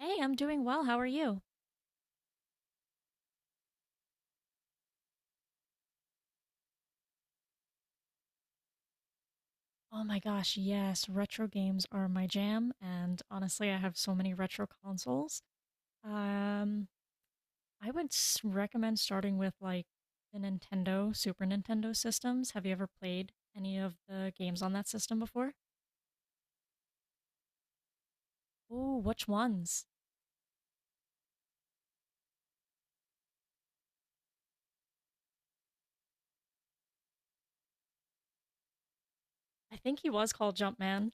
Hey, I'm doing well. How are you? Oh my gosh, yes, retro games are my jam, and honestly, I have so many retro consoles. Um, I would s recommend starting with like the Nintendo, Super Nintendo systems. Have you ever played any of the games on that system before? Oh, which ones? I think he was called Jumpman.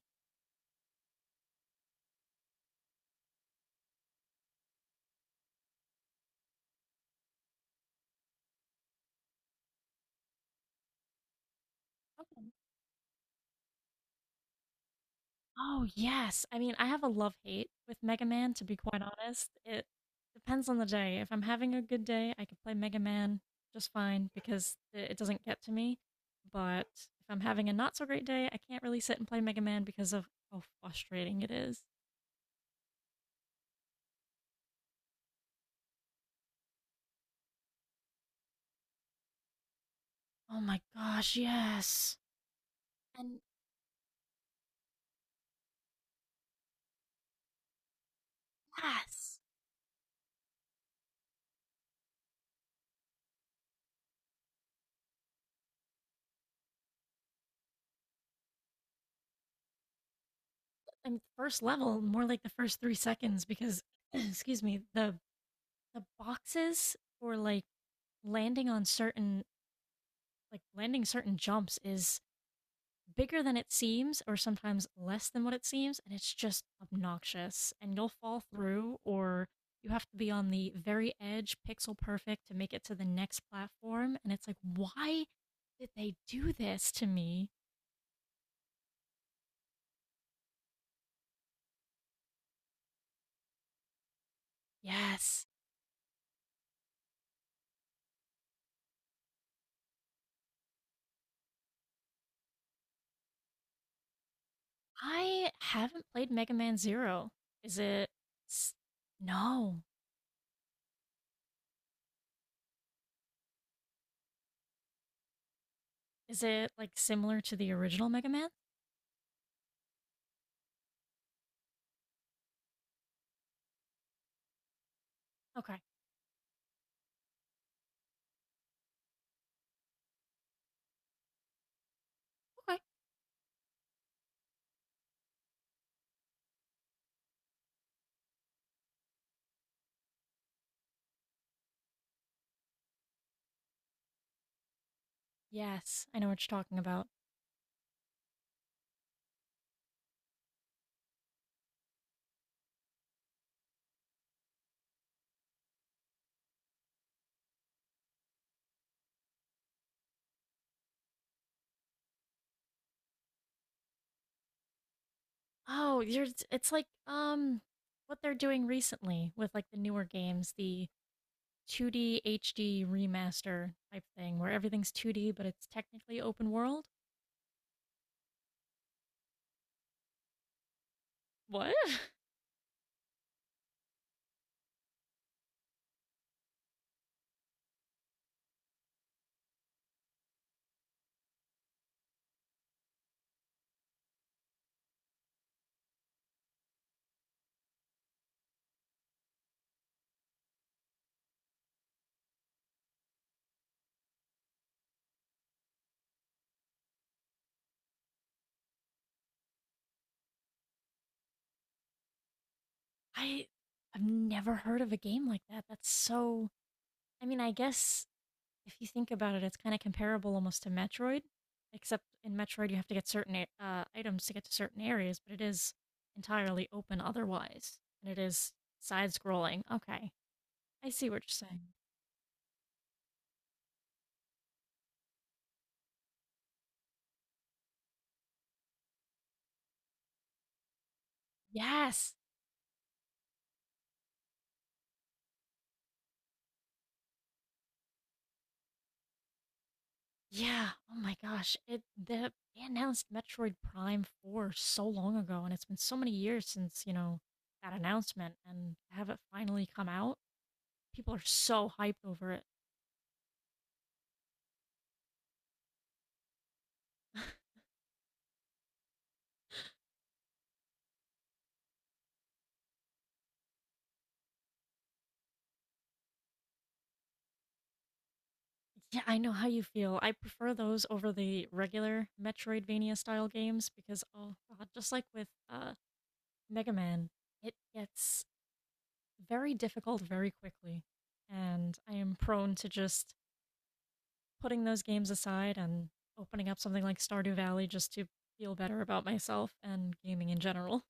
Oh, yes. I mean, I have a love-hate with Mega Man, to be quite honest. It depends on the day. If I'm having a good day, I can play Mega Man just fine because it doesn't get to me. But if I'm having a not so great day, I can't really sit and play Mega Man because of how frustrating it is. Oh my gosh, yes. And yes. And first level, more like the first 3 seconds because, excuse me, the boxes for like landing on certain landing certain jumps is bigger than it seems or sometimes less than what it seems, and it's just obnoxious and you'll fall through, or you have to be on the very edge pixel perfect to make it to the next platform, and it's like, why did they do this to me? Yes. I haven't played Mega Man 0. Is it no Is it like similar to the original Mega Man? Okay. Okay. Yes, I know what you're talking about. Oh, you're it's like what they're doing recently with like the newer games, the 2D HD remaster type thing where everything's 2D but it's technically open world. What? I I've never heard of a game like that. That's so, I mean, I guess if you think about it, it's kind of comparable almost to Metroid, except in Metroid you have to get certain items to get to certain areas, but it is entirely open otherwise, and it is side-scrolling. Okay, I see what you're saying. Yes. Yeah. Oh my gosh. It the they announced Metroid Prime 4 so long ago, and it's been so many years since that announcement, and to have it finally come out. People are so hyped over it. Yeah, I know how you feel. I prefer those over the regular Metroidvania style games because, oh god, just like with Mega Man, it gets very difficult very quickly. And I am prone to just putting those games aside and opening up something like Stardew Valley just to feel better about myself and gaming in general.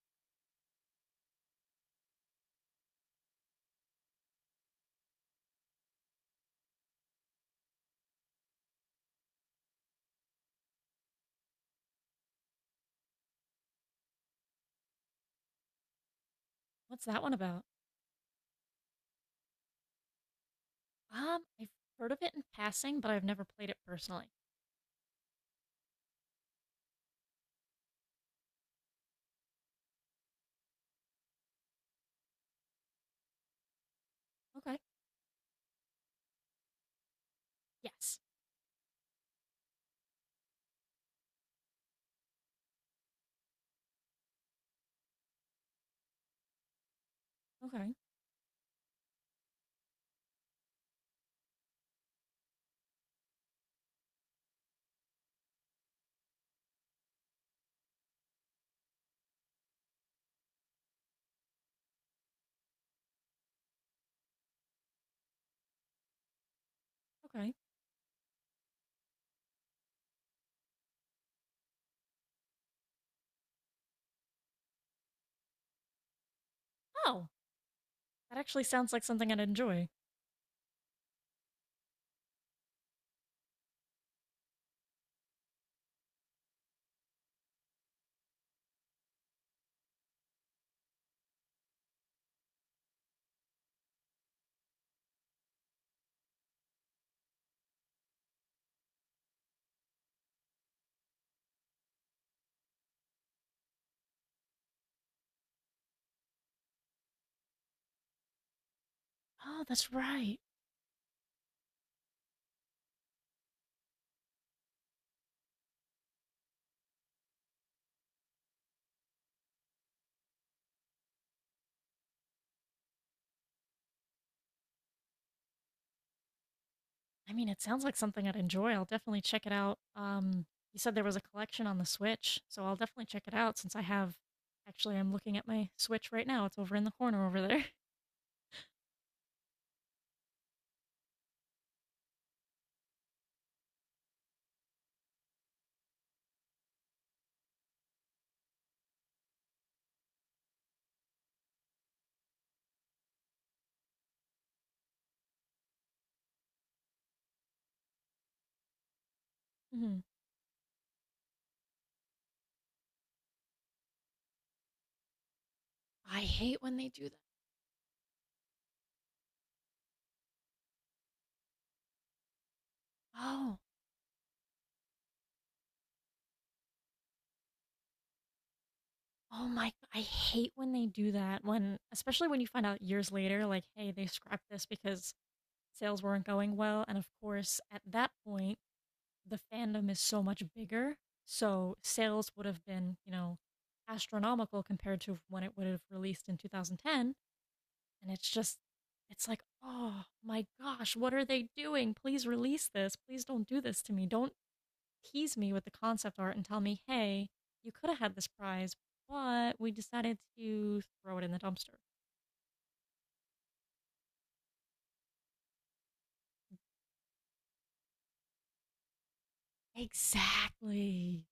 What's that one about? I've heard of it in passing, but I've never played it personally. Okay. Yes. Okay. Okay. Oh, that actually sounds like something I'd enjoy. Oh, that's right. I mean, it sounds like something I'd enjoy. I'll definitely check it out. You said there was a collection on the Switch, so I'll definitely check it out since I have. Actually, I'm looking at my Switch right now. It's over in the corner over there. hmm I hate when they do. Oh, oh my, I hate when they do that, when especially when you find out years later like, "Hey, they scrapped this because sales weren't going well." And of course, at that point, the fandom is so much bigger, so sales would have been astronomical compared to when it would have released in 2010, and it's like, "Oh my gosh, what are they doing? Please release this. Please don't do this to me. Don't tease me with the concept art and tell me, hey, you could have had this prize, but we decided to throw it in the dumpster." Exactly.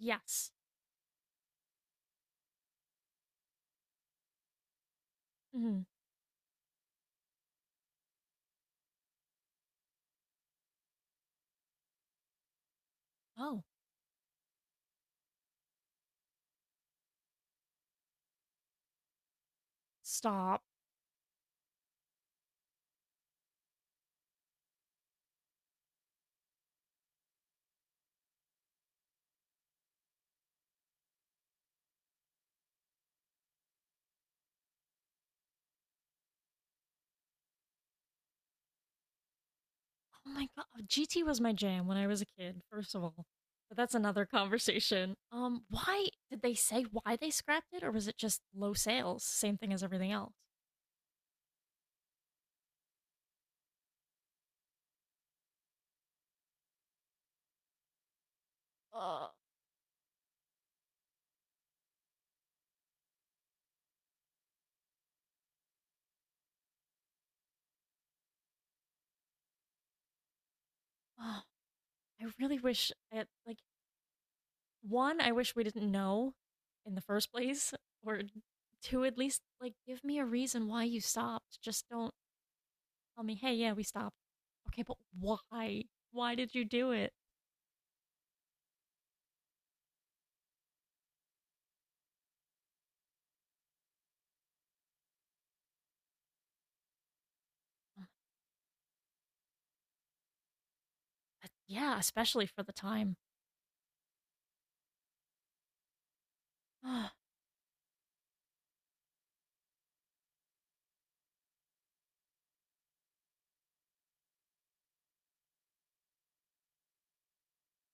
Yes. Mhm. Oh, stop. Oh my God. GT was my jam when I was a kid, first of all. But that's another conversation. Why they scrapped it, or was it just low sales? Same thing as everything else. Ugh. Oh, I really wish I, like, one, I wish we didn't know in the first place, or two, at least like give me a reason why you stopped. Just don't tell me, hey, yeah, we stopped. Okay, but why? Why did you do it? But yeah, especially for the time.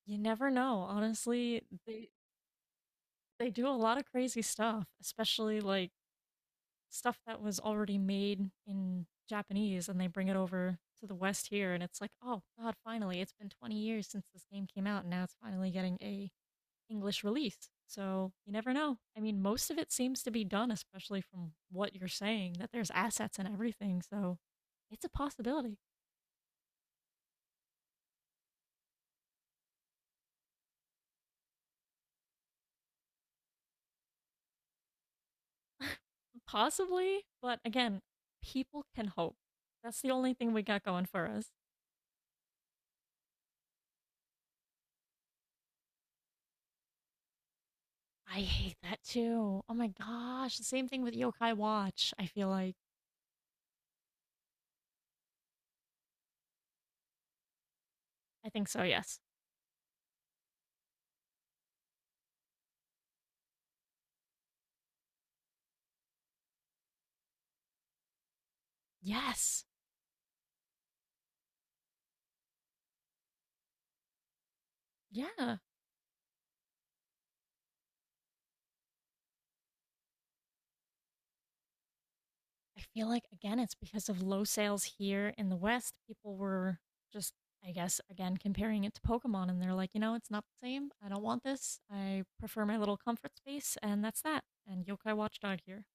You never know, honestly. They do a lot of crazy stuff, especially like stuff that was already made in Japanese and they bring it over to the West here, and it's like, oh God, finally, it's been 20 years since this game came out and now it's finally getting a English release. So you never know. I mean, most of it seems to be done, especially from what you're saying, that there's assets and everything. So it's a possibility. Possibly, but again, people can hope. That's the only thing we got going for us. I hate that too. Oh my gosh. The same thing with Yokai Watch, I feel like. I think so, yes. Yes. Yeah. I feel like again it's because of low sales here in the West. People were just, I guess, again comparing it to Pokemon, and they're like, it's not the same. I don't want this. I prefer my little comfort space, and that's that. And Yokai Watchdog here.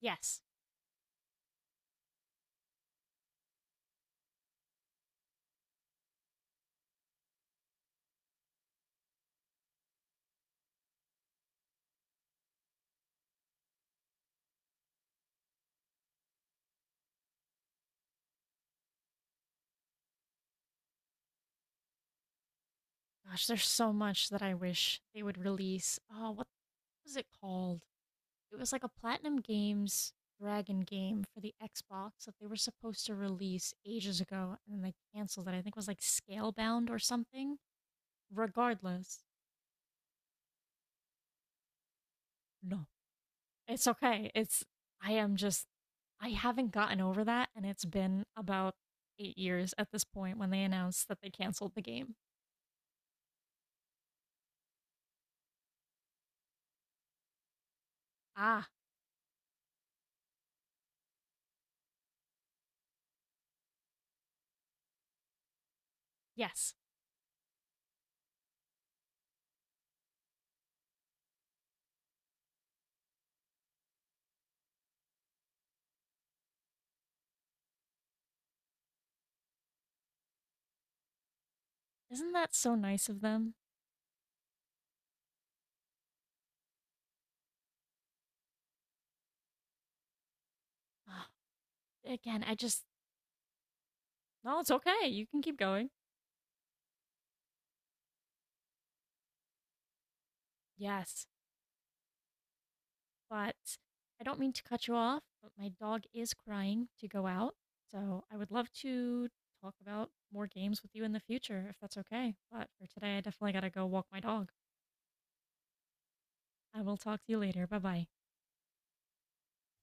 Yes. Gosh, there's so much that I wish they would release. Oh, what was it called? It was like a Platinum Games Dragon game for the Xbox that they were supposed to release ages ago, and then they canceled it. I think it was like Scalebound or something. Regardless, no. It's okay. It's I am just I haven't gotten over that, and it's been about 8 years at this point when they announced that they canceled the game. Ah, yes. Isn't that so nice of them? Ah, again, I just. No, it's okay. You can keep going. Yes. But I don't mean to cut you off, but my dog is crying to go out. So, I would love to talk about more games with you in the future if that's okay. But for today, I definitely got to go walk my dog. I will talk to you later. Bye-bye.